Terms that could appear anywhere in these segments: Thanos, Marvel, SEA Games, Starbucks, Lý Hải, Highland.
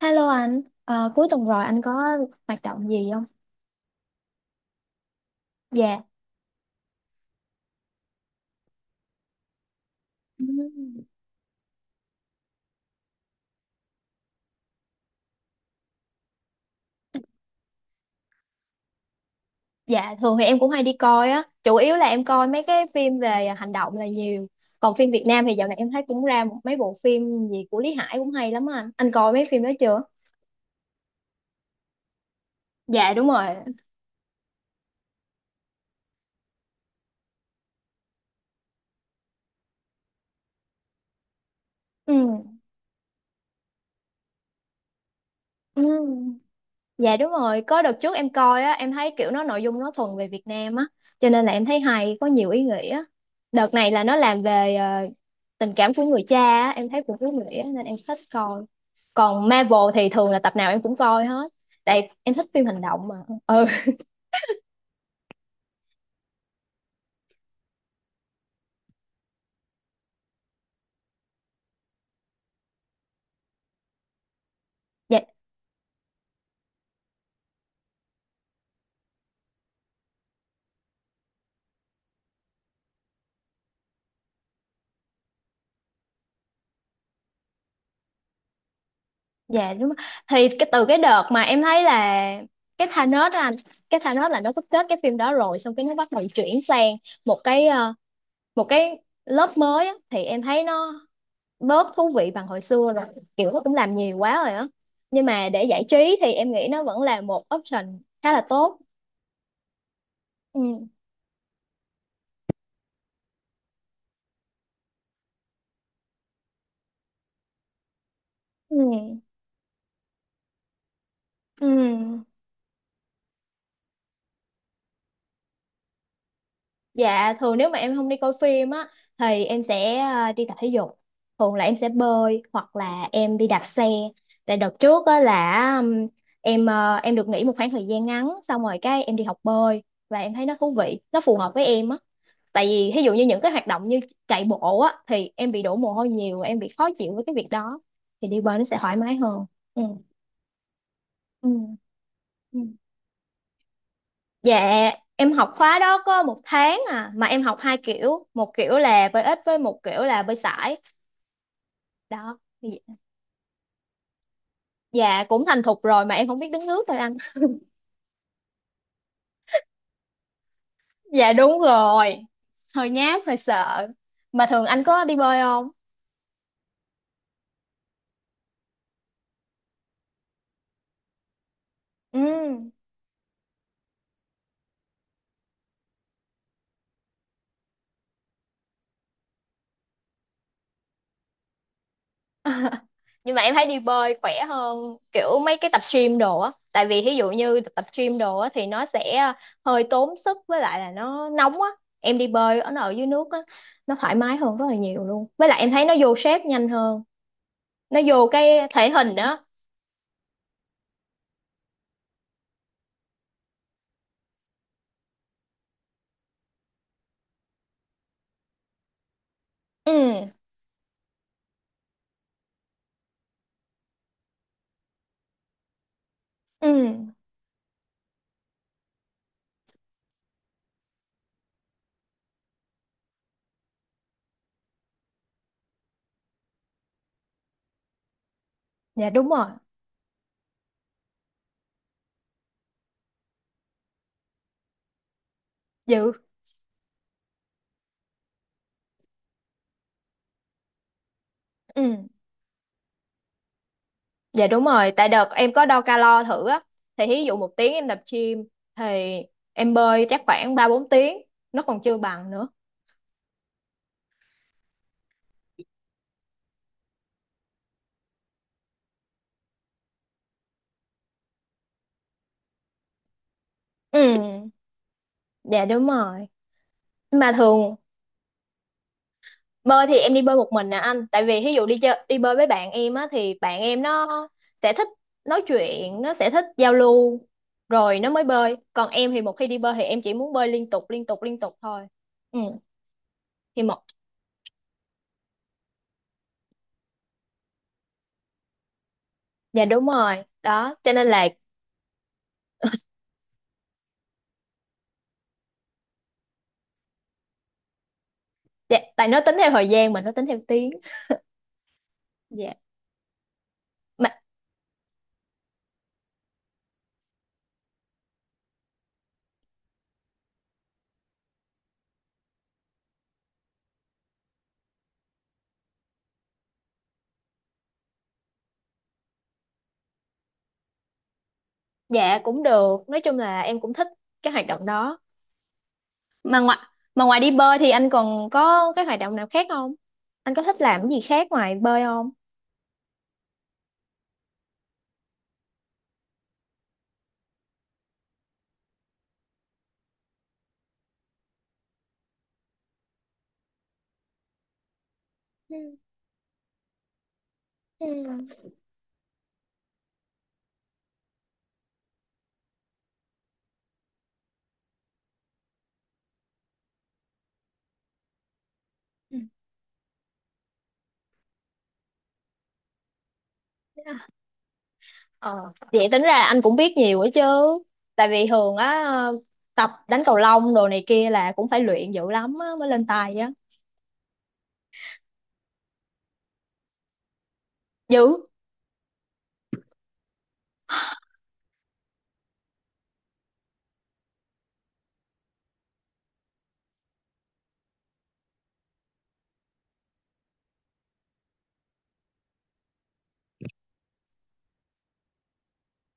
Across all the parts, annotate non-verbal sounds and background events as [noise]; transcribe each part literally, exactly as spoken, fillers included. Hello anh. Ờ, Cuối tuần rồi anh có hoạt động gì không? Dạ. Ừm. Dạ thường thì em cũng hay đi coi á, chủ yếu là em coi mấy cái phim về hành động là nhiều. Còn phim Việt Nam thì dạo này em thấy cũng ra một mấy bộ phim gì của Lý Hải cũng hay lắm á anh. Anh coi mấy phim đó chưa? Dạ đúng rồi. Ừ. Ừ. Dạ đúng rồi, có đợt trước em coi á, em thấy kiểu nó nội dung nó thuần về Việt Nam á, cho nên là em thấy hay, có nhiều ý nghĩa. Đợt này là nó làm về ờ, tình cảm của người cha á, em thấy cũng ý nghĩa nên em thích coi. Còn Marvel thì thường là tập nào em cũng coi hết, tại em thích phim hành động mà. Ừ. Dạ. Dạ đúng rồi. Thì cái từ cái đợt mà em thấy là cái Thanos á anh, cái Thanos là nó có kết cái phim đó rồi, xong cái nó bắt đầu chuyển sang một cái ờ, một cái lớp mới á, thì em thấy nó bớt thú vị bằng hồi xưa rồi, kiểu nó cũng làm nhiều quá rồi á, nhưng mà để giải trí thì em nghĩ nó vẫn là một option khá là tốt. Ừ. Ừ. Ừ. Dạ thường nếu mà em không đi coi phim á thì em sẽ à, đi tập thể dục. Thường là em sẽ bơi hoặc là em đi đạp xe. Tại đợt trước á là um, em ờ, em được nghỉ một khoảng thời gian ngắn xong rồi cái em đi học bơi và em thấy nó thú vị, nó phù hợp với em á. Tại vì ví dụ như những cái hoạt động như chạy bộ á thì em bị đổ mồ hôi nhiều, em bị khó chịu với cái việc đó, thì đi bơi nó sẽ thoải mái hơn. Ừ. Ừ. Ừ. Dạ, em học khóa đó có một tháng à, mà em học hai kiểu, một kiểu là bơi ếch với một kiểu là bơi sải. Đó. Dạ cũng thành thục rồi mà em không biết đứng nước thôi anh. Dạ đúng rồi, hơi nhát, hơi sợ. Mà thường anh có đi bơi không? Ừ. Nhưng mà em thấy đi bơi khỏe hơn kiểu mấy cái tập gym đồ á. Tại vì ví dụ như tập gym đồ á thì nó sẽ ờ, hơi tốn sức với lại là nó nóng á. Em đi bơi ở ở dưới nước á, nó thoải mái hơn rất là nhiều luôn. Với lại em thấy nó vô shape nhanh hơn. Nó vô cái thể hình đó. Ừ. Ừ. Dạ đúng rồi. Dữ. Ừ. Dạ đúng rồi, tại đợt em có đo calo thử á, thì ví dụ một tiếng em tập gym thì em bơi chắc khoảng ba bốn tiếng nó còn chưa bằng nữa. Ừ. Dạ đúng rồi. Mà thường bơi thì em đi bơi một mình nè anh, tại vì ví dụ đi chơi đi bơi với bạn em á thì bạn em nó sẽ thích nói chuyện, nó sẽ thích giao lưu rồi nó mới bơi, còn em thì một khi đi bơi thì em chỉ muốn bơi liên tục liên tục liên tục thôi. Ừ. Thì một, dạ đúng rồi, đó cho nên là dạ, tại nó tính theo thời gian mà nó tính theo tiếng. Dạ. Mà dạ cũng được, nói chung là em cũng thích cái hoạt động đó. Mà ngoài mà ngoài đi bơi thì anh còn có cái hoạt động nào khác không? Anh có thích làm cái gì khác ngoài bơi không? Ừ. Ừ. Ừ. Ờ vậy tính ra anh cũng biết nhiều ấy chứ, tại vì thường á tập đánh cầu lông đồ này kia là cũng phải luyện dữ lắm á mới lên tài á. Dữ.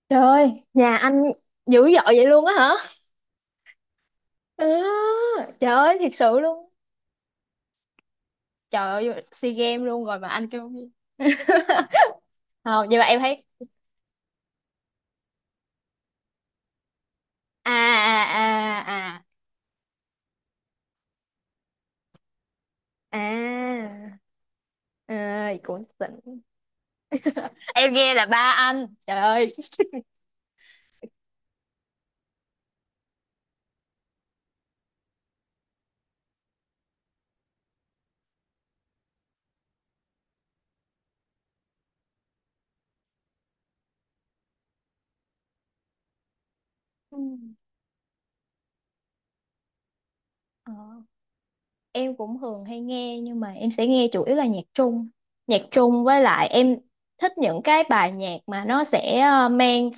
Trời ơi, nhà anh dữ dội vậy luôn á hả. À, trời ơi thiệt sự luôn. Trời ơi SEA Games luôn rồi mà anh kêu gì. [laughs] Không nhưng mà em thấy à à à à. À, à cũng xịn. Em nghe là ba anh trời ơi. Ừ. Ờ, em cũng thường hay nghe nhưng mà em sẽ nghe chủ yếu là nhạc Trung. Nhạc Trung với lại em thích những cái bài nhạc mà nó sẽ ờ, mang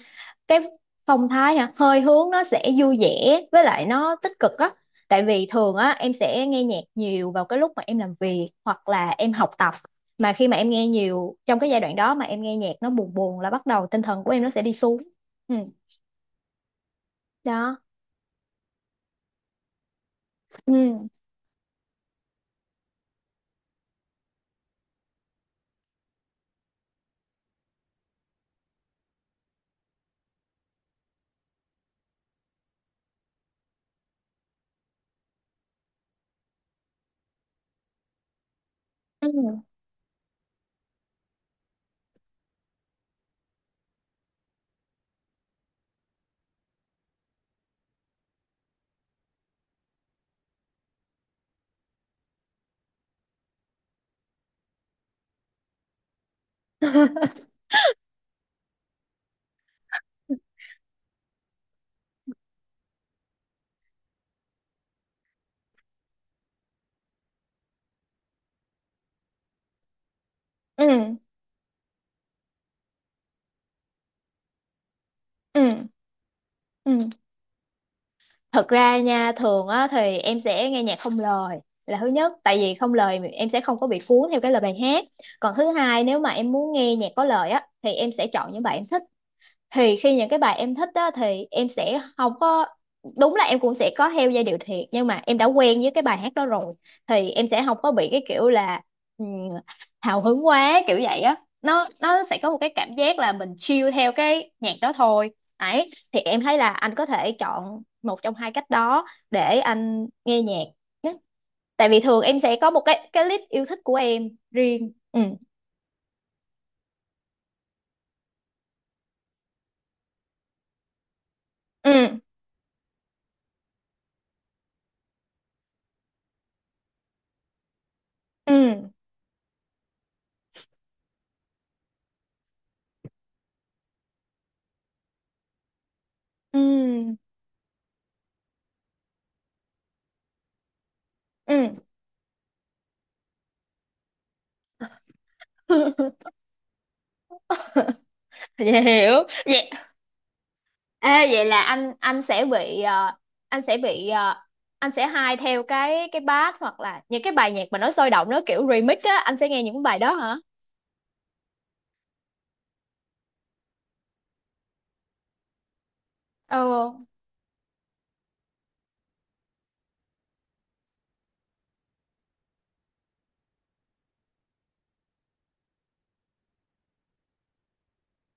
cái phong thái hả hơi hướng nó sẽ vui vẻ, với lại nó tích cực á. Tại vì thường á em sẽ nghe nhạc nhiều vào cái lúc mà em làm việc hoặc là em học tập, mà khi mà em nghe nhiều trong cái giai đoạn đó mà em nghe nhạc nó buồn buồn là bắt đầu tinh thần của em nó sẽ đi xuống. Ừ. Đó. Ừ. Ừ. [laughs] Ừ. Ừ. Ừ. Thật ra nha thường á thì em sẽ nghe nhạc không lời. Là thứ nhất tại vì không lời em sẽ không có bị cuốn theo cái lời bài hát. Còn thứ hai nếu mà em muốn nghe nhạc có lời á thì em sẽ chọn những bài em thích. Thì khi những cái bài em thích á thì em sẽ không có, đúng là em cũng sẽ có theo giai điệu thiệt, nhưng mà em đã quen với cái bài hát đó rồi thì em sẽ không có bị cái kiểu là ừm, hào hứng quá kiểu vậy á. nó nó sẽ có một cái cảm giác là mình chill theo cái nhạc đó thôi. Ấy thì em thấy là anh có thể chọn một trong hai cách đó để anh nghe nhạc nhé. Tại vì thường em sẽ có một cái cái list yêu thích của em riêng. Ừ. Ừ. Ừ. Ừ. Ừ. [laughs] Dạ hiểu. Vậy ê, vậy là anh anh sẽ bị ờ, anh sẽ bị ờ, anh sẽ hay theo cái cái bass hoặc là những cái bài nhạc mà nó sôi động nó kiểu remix á, anh sẽ nghe những bài đó hả? Ồ.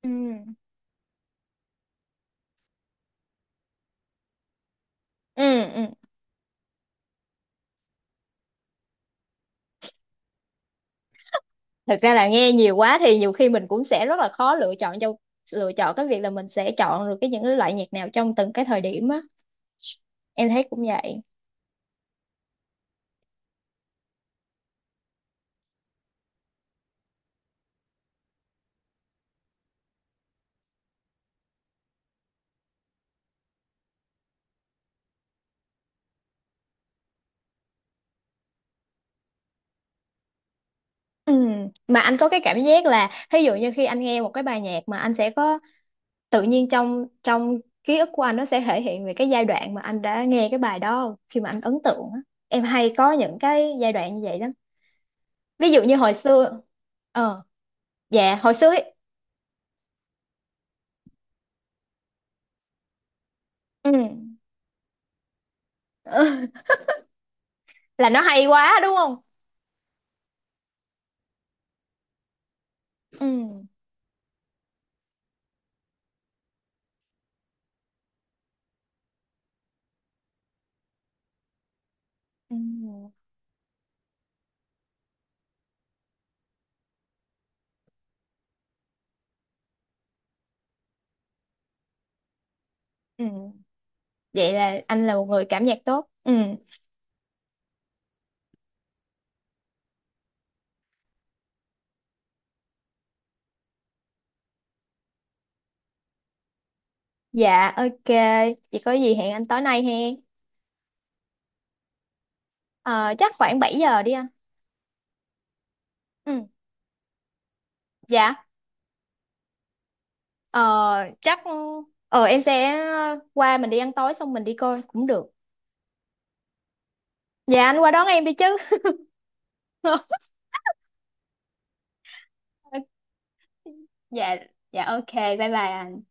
Ừ. Ừ, ừ. Thực ra là nghe nhiều quá thì nhiều khi mình cũng sẽ rất là khó lựa chọn cho, lựa chọn cái việc là mình sẽ chọn được cái những cái loại nhạc nào trong từng cái thời điểm á. Em thấy cũng vậy. Ừ. Mà anh có cái cảm giác là ví dụ như khi anh nghe một cái bài nhạc mà anh sẽ có tự nhiên trong trong ký ức của anh nó sẽ thể hiện về cái giai đoạn mà anh đã nghe cái bài đó khi mà anh ấn tượng á. Em hay có những cái giai đoạn như vậy lắm, ví dụ như hồi xưa. ờ dạ hồi xưa ấy. Ừ. [laughs] Là nó hay quá đúng không. Ừ. Ừ. Ừ. Vậy là anh là một người cảm nhạc tốt. Ừ. Dạ ok. Vậy có gì hẹn anh tối nay he. Ờ, chắc khoảng bảy giờ đi anh. Ừ. Dạ. ờ, Chắc ờ em sẽ qua mình đi ăn tối xong mình đi coi cũng được. Dạ anh qua đón em đi chứ. [laughs] Dạ. Dạ ok bye bye anh.